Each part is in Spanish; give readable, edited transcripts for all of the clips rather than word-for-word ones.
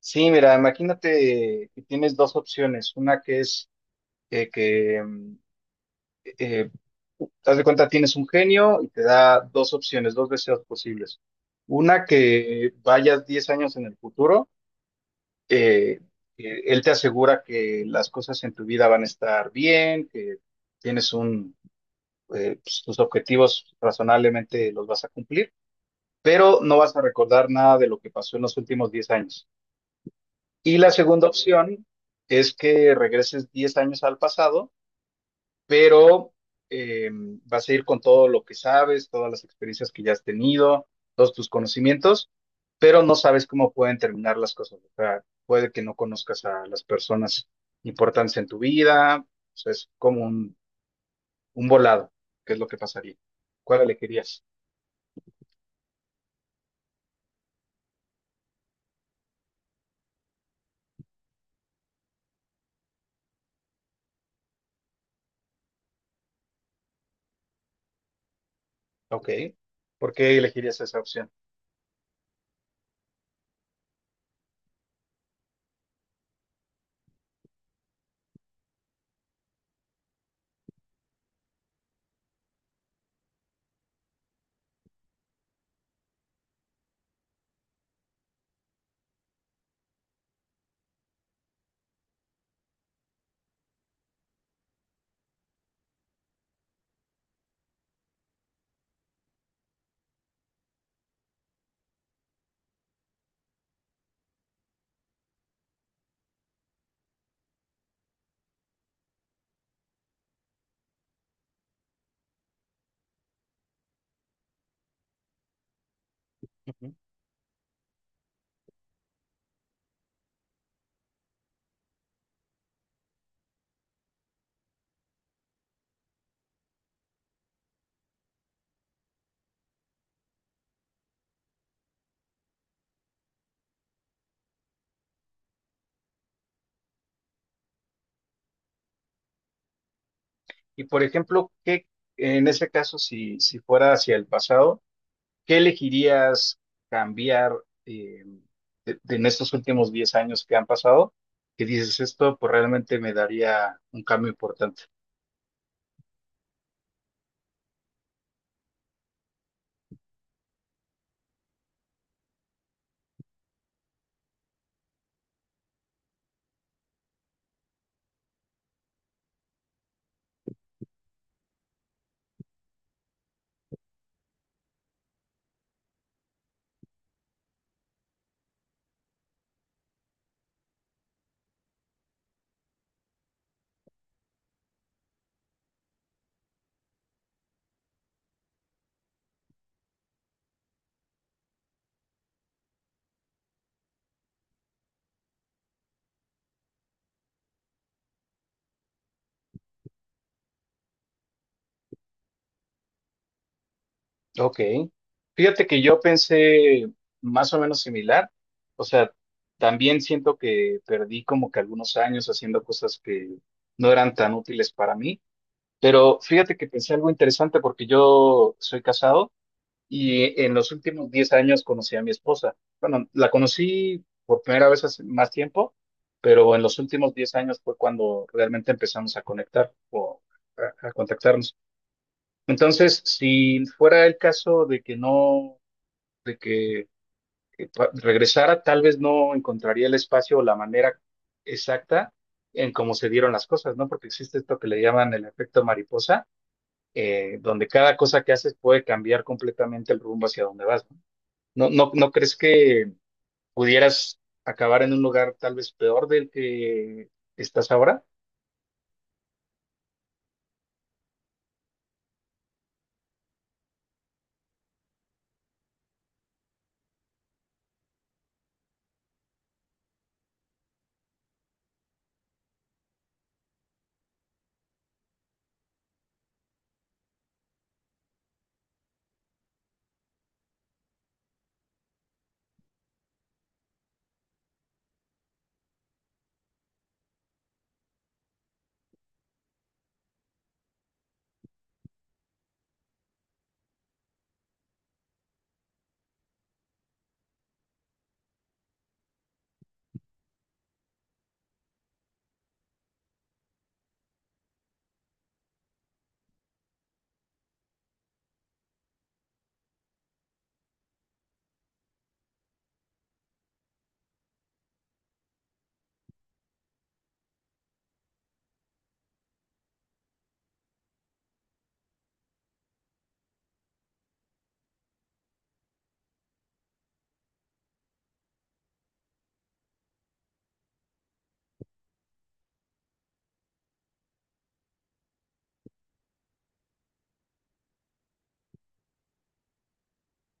Sí, mira, imagínate que tienes dos opciones. Una que es eh, que, mm, eh, haz de cuenta, tienes un genio y te da dos opciones, dos deseos posibles. Una que vayas 10 años en el futuro, eh, que él te asegura que las cosas en tu vida van a estar bien, que tienes pues, tus objetivos razonablemente los vas a cumplir, pero no vas a recordar nada de lo que pasó en los últimos 10 años. Y la segunda opción es que regreses 10 años al pasado, pero eh, vas a ir con todo lo que sabes, todas las experiencias que ya has tenido, todos tus conocimientos, pero no sabes cómo pueden terminar las cosas. O sea, puede que no conozcas a las personas importantes en tu vida. O sea, es como un volado, qué es lo que pasaría. ¿Cuál elegirías? Ok. ¿Por qué elegirías esa opción? Ujú. Y por ejemplo, ¿qué en ese caso, si fuera hacia el pasado? ¿Qué elegirías cambiar eh, en estos últimos 10 años que han pasado? Que dices, esto pues realmente me daría un cambio importante. Ok. Fíjate que yo pensé más o menos similar. O sea, también siento que perdí como que algunos años haciendo cosas que no eran tan útiles para mí. Pero fíjate que pensé algo interesante porque yo soy casado. Y en los últimos 10 años conocí a mi esposa. Bueno, la conocí por primera vez hace más tiempo, pero en los últimos 10 años fue cuando realmente empezamos a conectar o a contactarnos. Entonces, si fuera el caso de que no, de que regresara, tal vez no encontraría el espacio o la manera exacta en cómo se dieron las cosas, ¿no? Porque existe esto que le llaman el efecto mariposa, donde cada cosa que haces puede cambiar completamente el rumbo hacia donde vas, ¿no? ¿No, no, no crees que pudieras acabar en un lugar tal vez peor del que estás ahora?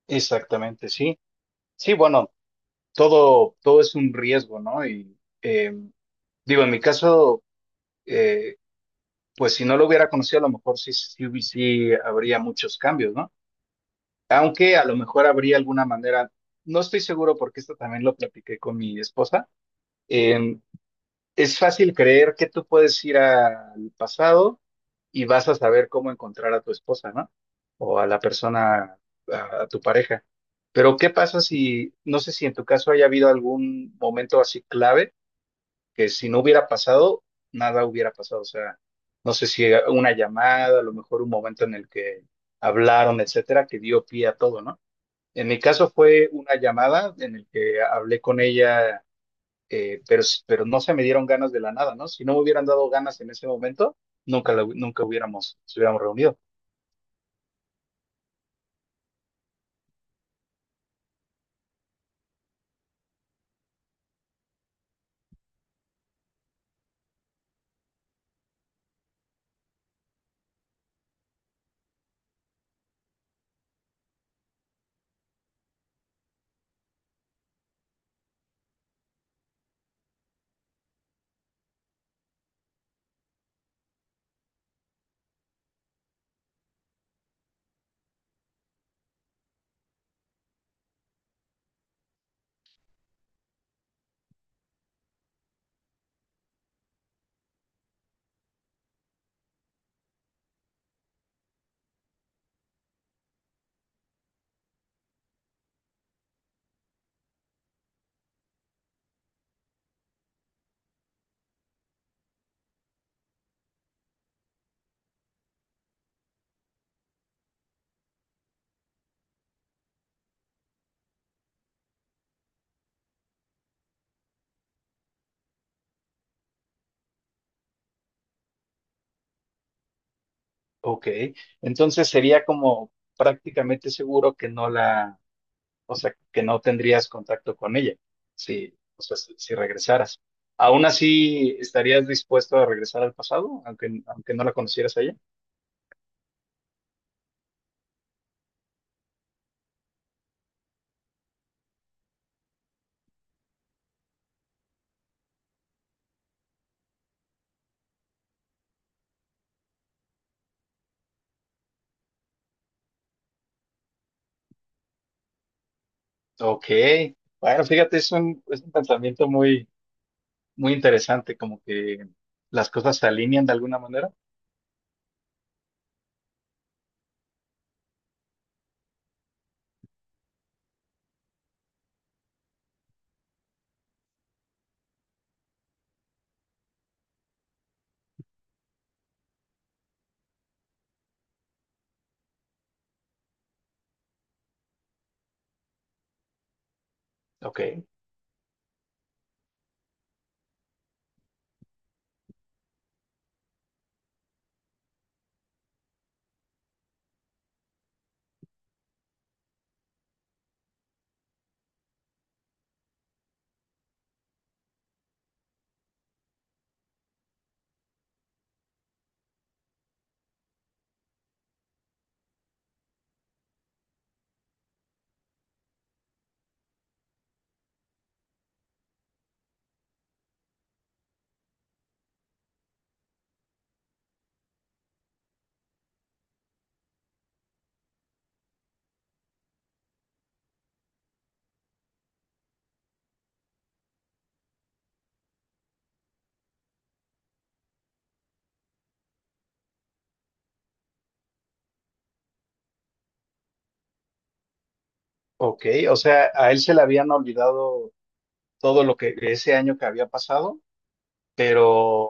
Exactamente, sí. Sí, bueno, todo es un riesgo, ¿no? Y eh, digo, en mi caso, eh, pues si no lo hubiera conocido, a lo mejor sí, sí, sí habría muchos cambios, ¿no? Aunque a lo mejor habría alguna manera, no estoy seguro porque esto también lo platiqué con mi esposa. em, Es fácil creer que tú puedes ir al pasado y vas a saber cómo encontrar a tu esposa, ¿no? O a la persona, a tu pareja. Pero ¿qué pasa si, no sé si en tu caso haya habido algún momento así clave que si no hubiera pasado, nada hubiera pasado? O sea, no sé si una llamada, a lo mejor un momento en el que hablaron, etcétera, que dio pie a todo, ¿no? En mi caso fue una llamada en el que hablé con ella, pero no se me dieron ganas de la nada, ¿no? Si no me hubieran dado ganas en ese momento, nunca, la hu- nunca hubiéramos reunido. Ok, entonces sería como prácticamente seguro que no la, o sea, que no tendrías contacto con ella, si regresaras. ¿Aún así estarías dispuesto a regresar al pasado, aunque no la conocieras a ella? Ok, bueno, fíjate, es un pensamiento muy, muy interesante, como que las cosas se alinean de alguna manera. Ok. Ok, o sea, a él se le habían olvidado todo lo que ese año que había pasado, pero,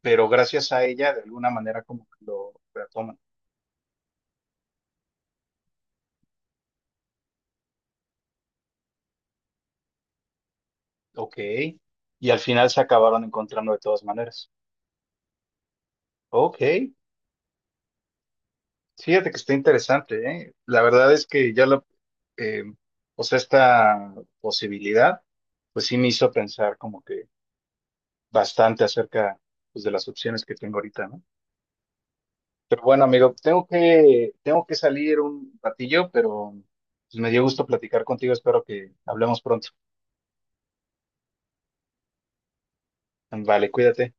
pero gracias a ella de alguna manera como que lo retoman. Ok, y al final se acabaron encontrando de todas maneras. Ok, fíjate que está interesante, ¿eh? La verdad es que eh, o sea, esta posibilidad, pues sí me hizo pensar como que bastante acerca pues, de las opciones que tengo ahorita, ¿no? Pero bueno, amigo, tengo que salir un ratillo, pero pues, me dio gusto platicar contigo. Espero que hablemos pronto. Vale, cuídate.